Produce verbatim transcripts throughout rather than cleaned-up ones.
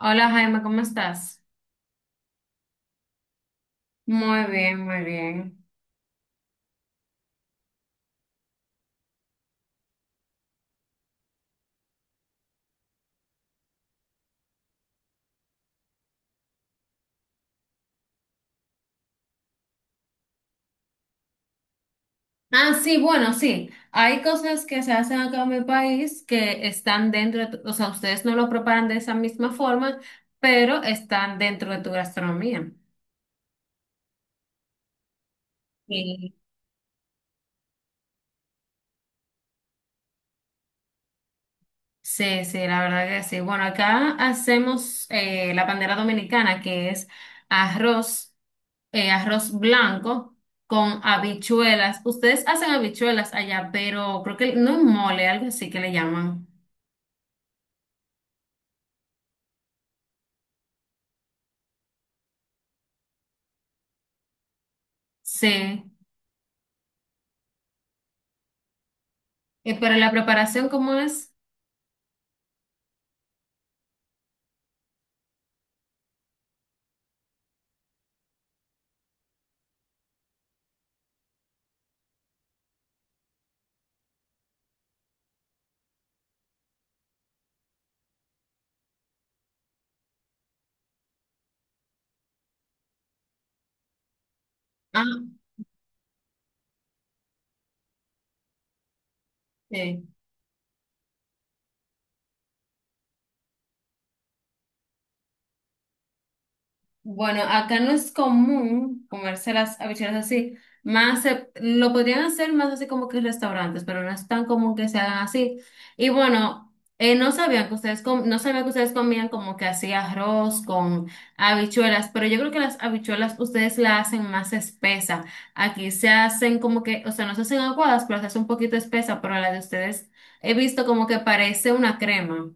Hola Jaime, ¿cómo estás? Muy bien, muy bien. Ah, sí, bueno, sí. Hay cosas que se hacen acá en mi país que están dentro de tu- o sea, ustedes no lo preparan de esa misma forma, pero están dentro de tu gastronomía. Sí. Sí, sí, la verdad que sí. Bueno, acá hacemos eh, la bandera dominicana, que es arroz, eh, arroz blanco con habichuelas. Ustedes hacen habichuelas allá, pero creo que no es mole, algo así que le llaman. Sí. Eh, pero la preparación, ¿cómo es? Ah, sí. Bueno, acá no es común comerse las habichuelas así. Más se- lo podrían hacer más así como que en restaurantes, pero no es tan común que se hagan así. Y bueno, eh, no sabían que ustedes com- no sabía que ustedes comían como que así arroz con habichuelas, pero yo creo que las habichuelas ustedes la hacen más espesa. Aquí se hacen como que, o sea, no se hacen aguadas, pero se hace un poquito espesa, pero la de ustedes he visto como que parece una crema.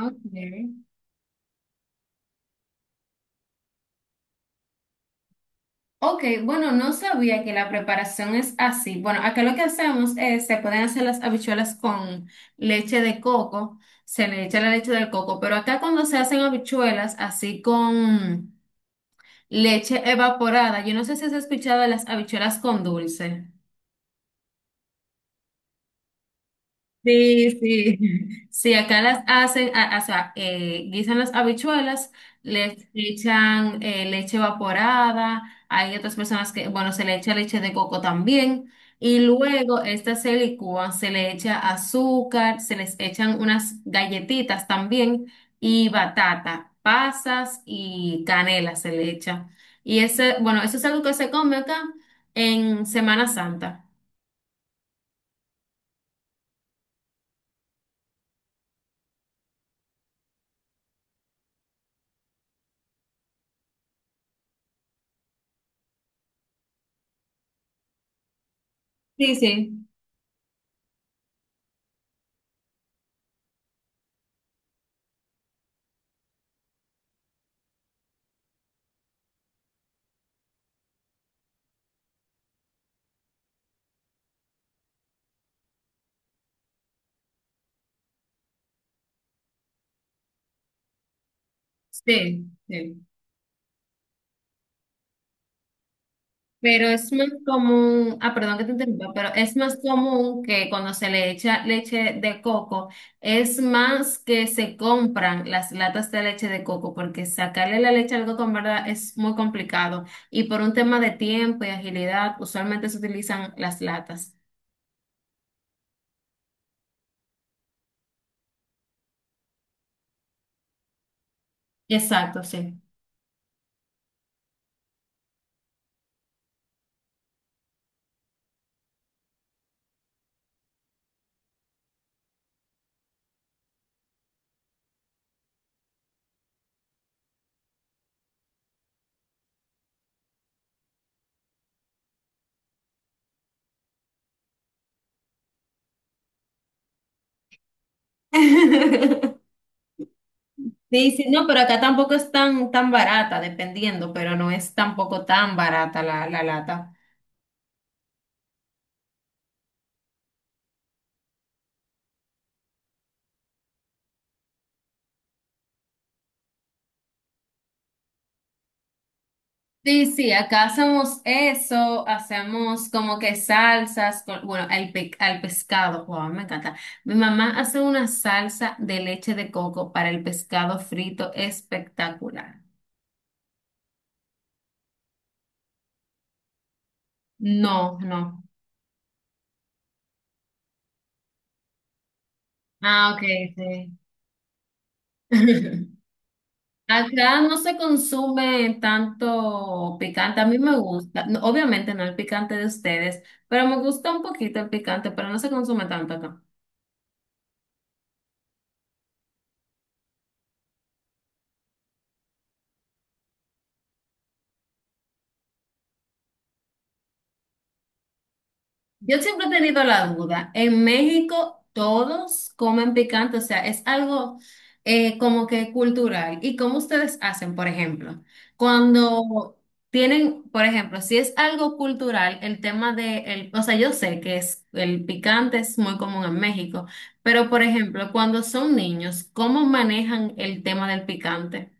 Ok. Ok, bueno, no sabía que la preparación es así. Bueno, acá lo que hacemos es, se pueden hacer las habichuelas con leche de coco, se le echa la leche del coco, pero acá cuando se hacen habichuelas así con leche evaporada, yo no sé si has escuchado de las habichuelas con dulce. Sí, sí, sí, acá las hacen, a- o sea, eh, guisan las habichuelas, les echan eh, leche evaporada, hay otras personas que, bueno, se le echa leche de coco también, y luego estas se licúan, se le echa azúcar, se les echan unas galletitas también, y batata, pasas y canela se le echa. Y ese, bueno, eso es algo que se come acá en Semana Santa. Sí, sí. Sí, sí. Pero es más común, ah, perdón que te interrumpa, pero es más común que cuando se le echa leche de coco, es más que se compran las latas de leche de coco, porque sacarle la leche al coco en verdad es muy complicado. Y por un tema de tiempo y agilidad, usualmente se utilizan las latas. Exacto, sí. Sí, sí, no, pero acá tampoco es tan, tan barata, dependiendo, pero no es tampoco tan barata la, la lata. Sí, sí, acá hacemos eso, hacemos como que salsas, con- bueno, al, pe- al pescado, wow, me encanta. Mi mamá hace una salsa de leche de coco para el pescado frito espectacular. No, no. Ah, ok, sí. Acá no se consume tanto picante, a mí me gusta, no, obviamente no el picante de ustedes, pero me gusta un poquito el picante, pero no se consume tanto. Yo siempre he tenido la duda. En México todos comen picante, o sea, es algo eh, como que cultural. ¿Y cómo ustedes hacen, por ejemplo? Cuando tienen, por ejemplo, si es algo cultural, el tema de, el, o sea, yo sé que es, el picante es muy común en México, pero por ejemplo, cuando son niños, ¿cómo manejan el tema del picante?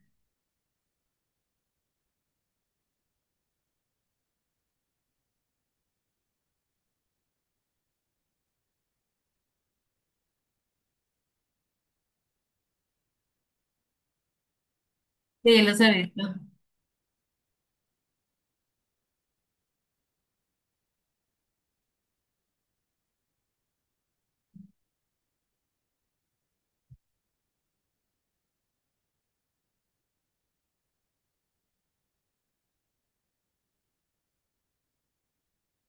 Sí, los he visto.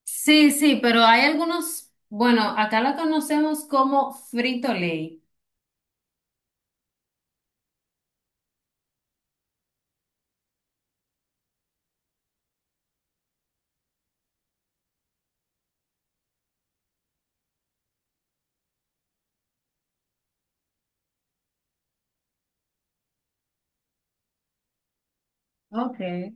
Sí, sí, pero hay algunos, bueno, acá la conocemos como frito ley. Okay.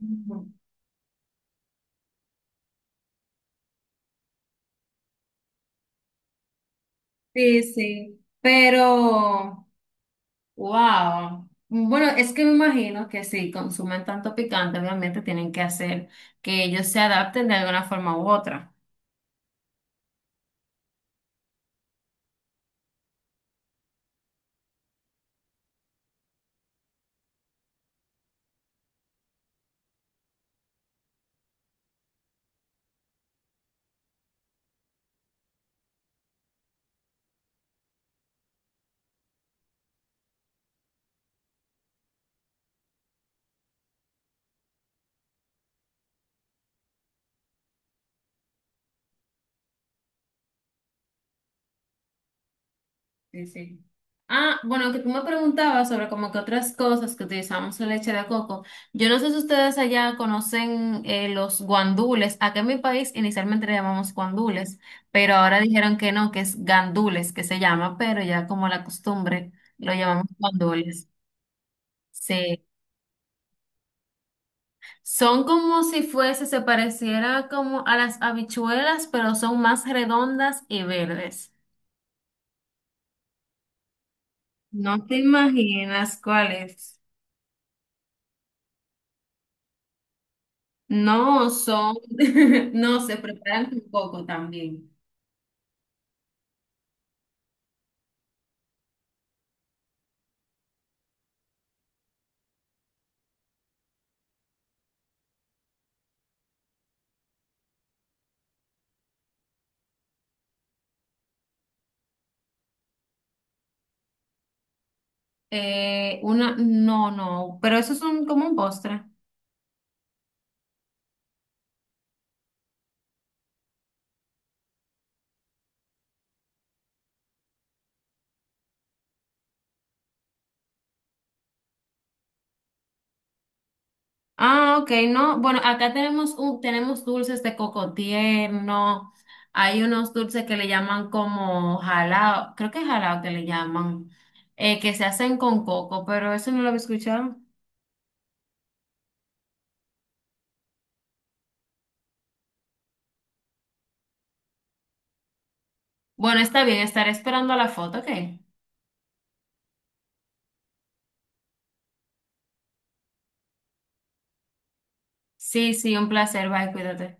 Ujú. Sí, sí, pero, wow. Bueno, es que me imagino que si consumen tanto picante, obviamente tienen que hacer que ellos se adapten de alguna forma u otra. Sí, sí. Ah, bueno, que tú me preguntabas sobre como que otras cosas que utilizamos la leche de coco. Yo no sé si ustedes allá conocen eh, los guandules. Acá en mi país inicialmente le llamamos guandules, pero ahora dijeron que no, que es gandules que se llama, pero ya como la costumbre lo llamamos guandules. Sí, son como si fuese, se pareciera como a las habichuelas, pero son más redondas y verdes. No te imaginas cuál es. No son, no, se preparan con coco también. Eh, una, no, no, pero eso es un, como un postre. Ah, ok, no. Bueno, acá tenemos un, tenemos dulces de coco tierno. Hay unos dulces que le llaman como jalao, creo que es jalao que le llaman, eh, que se hacen con coco, pero eso no lo había escuchado. Bueno, está bien, estaré esperando la foto, ok. Sí, sí, un placer, bye, cuídate.